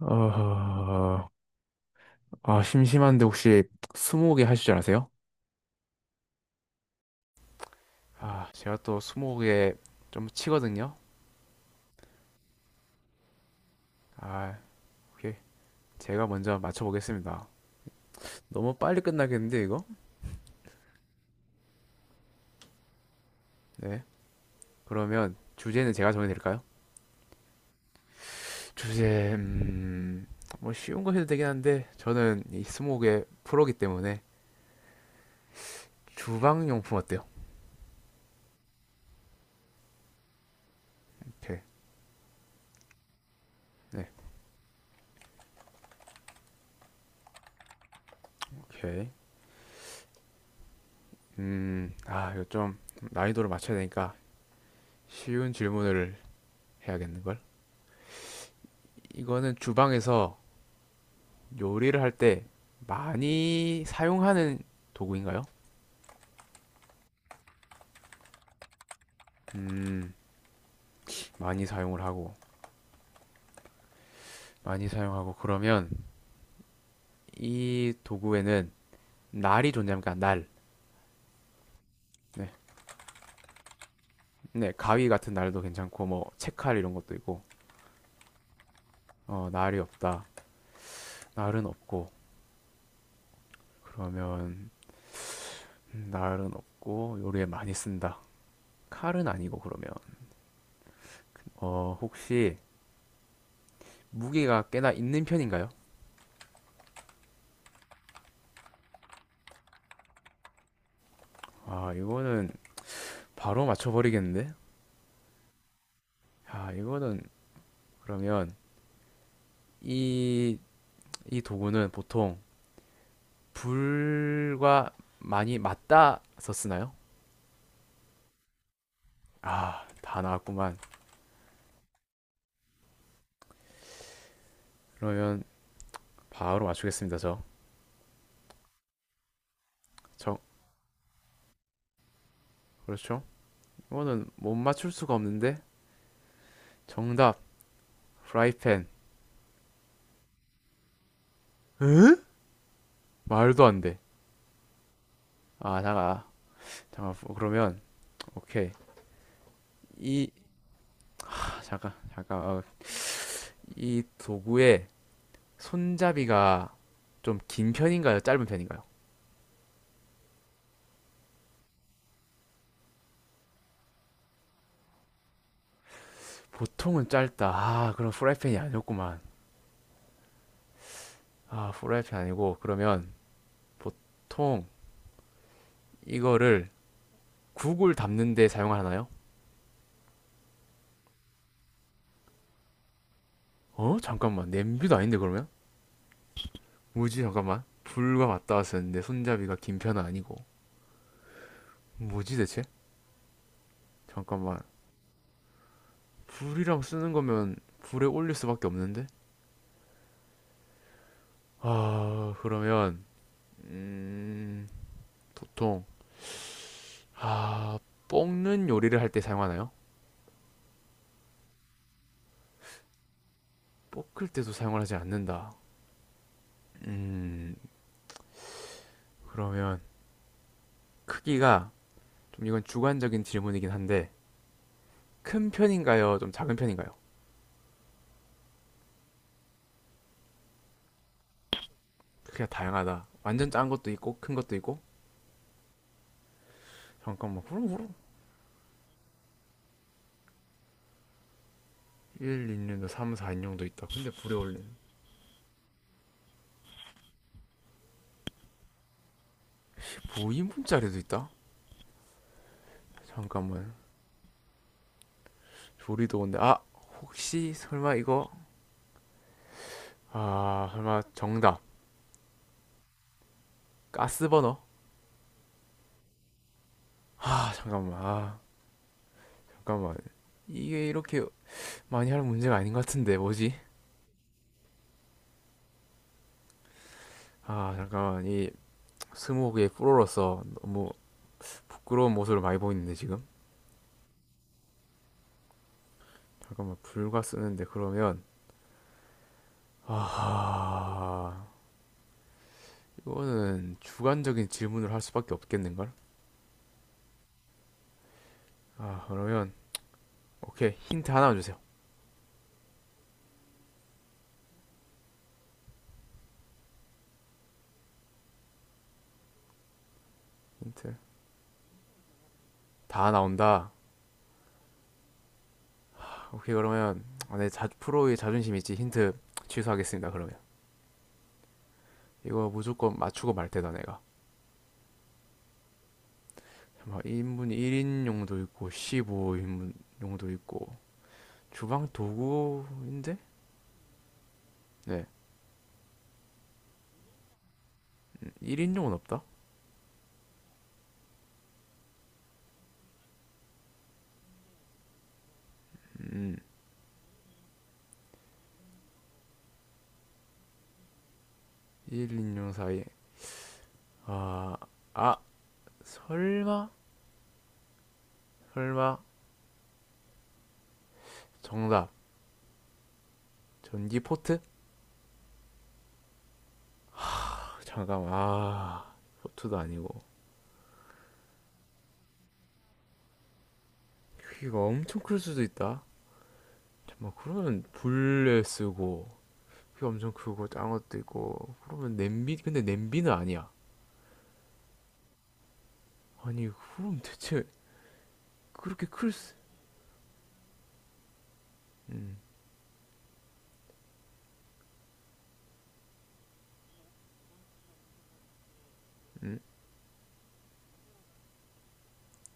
어, 아, 심심한데 혹시 스무고개 하실 줄 아세요? 아, 제가 또 스무고개 좀 치거든요. 아, 오케이. 제가 먼저 맞춰보겠습니다. 너무 빨리 끝나겠는데, 이거? 네. 그러면 주제는 제가 정해도 될까요? 주제, 뭐 쉬운 거 해도 되긴 한데, 저는 이 스무고개 프로기 때문에 주방용품 어때요? 오케이. 네, 오케이. 이거 좀 난이도를 맞춰야 되니까 쉬운 질문을 해야겠는걸? 이거는 주방에서 요리를 할 때 많이 사용하는 도구인가요? 음, 많이 사용을 하고, 많이 사용하고, 그러면 이 도구에는 날이 존재합니까? 날. 네. 네, 가위 같은 날도 괜찮고, 뭐, 채칼 이런 것도 있고, 어, 날이 없다. 날은 없고, 그러면, 날은 없고, 요리에 많이 쓴다. 칼은 아니고, 그러면, 어, 혹시 무게가 꽤나 있는 편인가요? 아, 이거는 바로 맞춰버리겠는데? 야, 이거는 그러면 이, 이 도구는 보통 불과 많이 맞닿아서 쓰나요? 아, 다 나왔구만. 그러면 바로 맞추겠습니다, 저. 저, 그렇죠? 이거는 못 맞출 수가 없는데. 정답, 프라이팬. 응? 말도 안 돼. 아, 잠깐. 잠깐, 어, 그러면, 오케이. 이, 아, 잠깐, 잠깐. 어, 이 도구의 손잡이가 좀 긴 편인가요? 짧은 편인가요? 보통은 짧다. 아, 그럼 프라이팬이 아니었구만. 아, 프라이팬 아니고 그러면 보통 이거를 국을 담는데 사용하나요? 어? 잠깐만. 냄비도 아닌데 그러면? 뭐지? 잠깐만. 불과 맞닿아 쓰는데 손잡이가 긴 편은 아니고. 뭐지 대체? 잠깐만. 불이랑 쓰는 거면 불에 올릴 수밖에 없는데? 아, 그러면 보통 아, 볶는 요리를 할 때 사용하나요? 볶을 때도 사용을 하지 않는다. 그러면 크기가 좀 이건 주관적인 질문이긴 한데 큰 편인가요? 좀 작은 편인가요? 그게 다양하다. 완전 작은 것도 있고 큰 것도 있고 잠깐만 그럼 1, 2인용도 3, 4인용도 있다. 근데 불에 올린는인분짜리도 있다. 잠깐만 조리도 온데 아 혹시 설마 이거 아 설마 정답 가스버너? 아 잠깐만 아 잠깐만 이게 이렇게 많이 할 문제가 아닌 것 같은데 뭐지? 아 잠깐만 이 스무고개 프로로서 너무 부끄러운 모습을 많이 보이는데 지금 잠깐만 불과 쓰는데 그러면 아 이거는 주관적인 질문을 할 수밖에 없겠는걸? 아 그러면 오케이 힌트 하나만 주세요. 힌트 다 나온다. 아, 오케이 그러면 아, 내 자, 프로의 자존심 있지 힌트 취소하겠습니다. 그러면 이거 무조건 맞추고 말 테다 내가. 인분 1인용도 있고 15인분용도 있고 주방 도구인데? 네 1인용은 없다. 1인용 사이에 아 아 설마 설마 정답. 전기 포트? 아, 잠깐만 아 포트도 아니고 크기가 엄청 클 수도 있다 잠깐만 그러면 불에 쓰고 크기가 엄청 크고 작은 것도 있고 그러면 냄비 근데 냄비는 아니야 아니 그럼 대체 그렇게 클 수... 음, 음,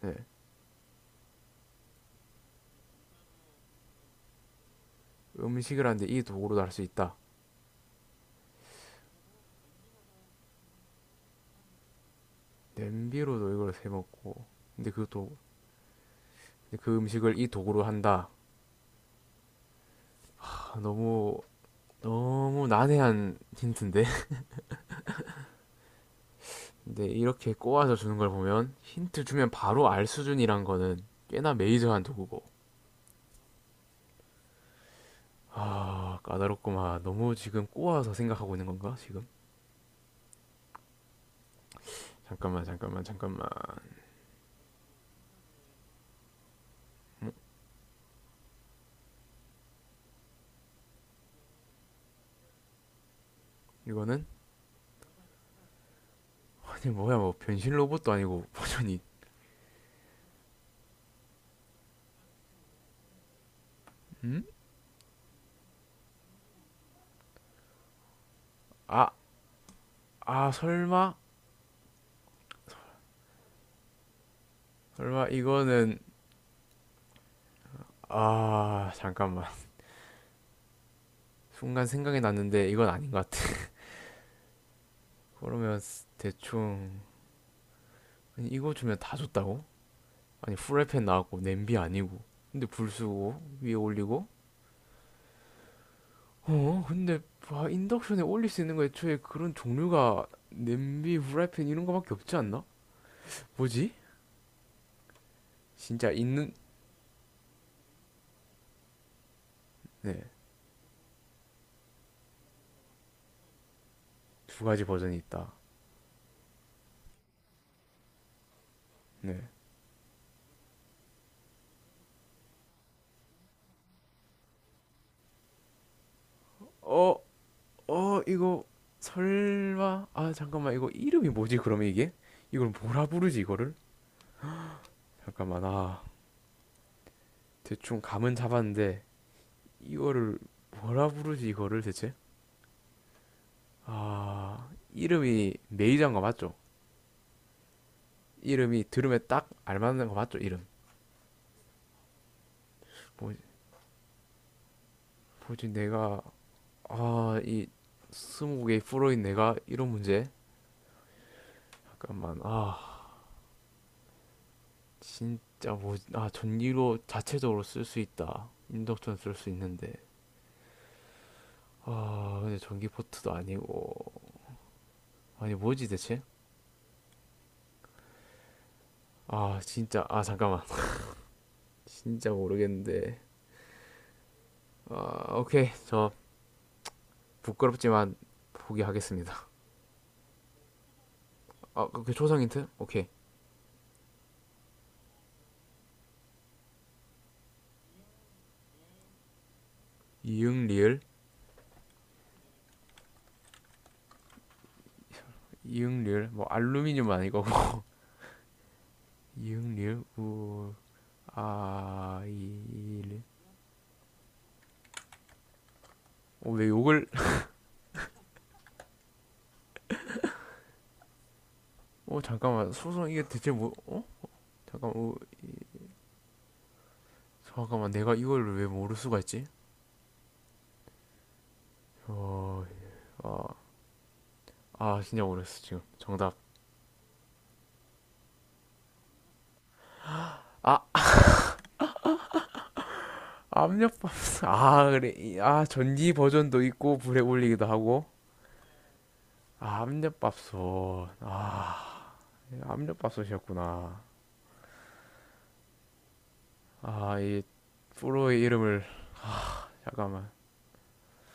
네. 음식을 하는데 이 도구로도 할 수 있다 냄비로도 이걸 세먹고 근데 그 도... 근데 그 음식을 이 도구로 한다 하, 너무 너무 난해한 힌트인데 근데 이렇게 꼬아서 주는 걸 보면 힌트 주면 바로 알 수준이란 거는 꽤나 메이저한 도구고. 아, 까다롭구만. 너무 지금 꼬아서 생각하고 있는 건가, 지금? 잠깐만, 잠깐만, 잠깐만. 이거는? 아니, 뭐야, 뭐, 변신 로봇도 아니고, 버전이, 음? 아, 아, 설마? 설마, 이거는, 아, 잠깐만. 순간 생각이 났는데, 이건 아닌 것 같아. 그러면, 대충, 아니, 이거 주면 다 줬다고? 아니, 후라이팬 나왔고, 냄비 아니고. 근데 불 쓰고, 위에 올리고, 어, 근데 와, 인덕션에 올릴 수 있는 거 애초에 그런 종류가 냄비, 후라이팬 이런 거밖에 없지 않나? 뭐지? 진짜 있는 네, 두 가지 버전이 있다. 네. 어, 어, 이거 설마 아, 잠깐만. 이거 이름이 뭐지? 그러면 이게? 이걸 뭐라 부르지 이거를? 잠깐만. 아, 대충 감은 잡았는데 이거를 뭐라 부르지 이거를 대체? 아, 이름이 메이저인 거 맞죠? 이름이 들으면 딱 알맞는 거 맞죠? 이름. 뭐, 뭐지 내가 아, 이 스무고개 프로인 내가 이런 문제? 잠깐만. 아, 진짜 뭐, 아, 전기로 자체적으로 쓸 수 있다. 인덕션 쓸 수 있는데. 아, 근데 전기포트도 아니고. 아니, 뭐지 대체? 아, 진짜. 아, 잠깐만. 진짜 모르겠는데. 아, 오케이. 저 부끄럽지만 포기하겠습니다. 아, 그 초성 힌트? 오케이. 이응 리을? 이응 리을? 뭐 알루미늄 아니고. 이응 리을? 우 아, 이, 일. 어, 왜 욕을? 어, 잠깐만. 소송 이게 대체 뭐? 어? 잠깐만. 어, 잠깐만. 내가 이걸 왜 모를 수가 있지? 어, 아, 아 진짜 모르겠어 지금. 정답. 아, 압력밥솥. 아, 그래. 이- 아, 전기 버전도 있고 불에 올리기도 하고. 아, 압력밥솥. 아, 예, 압력밥솥이었구나. 아, 이 프로의 이름을 잠깐만.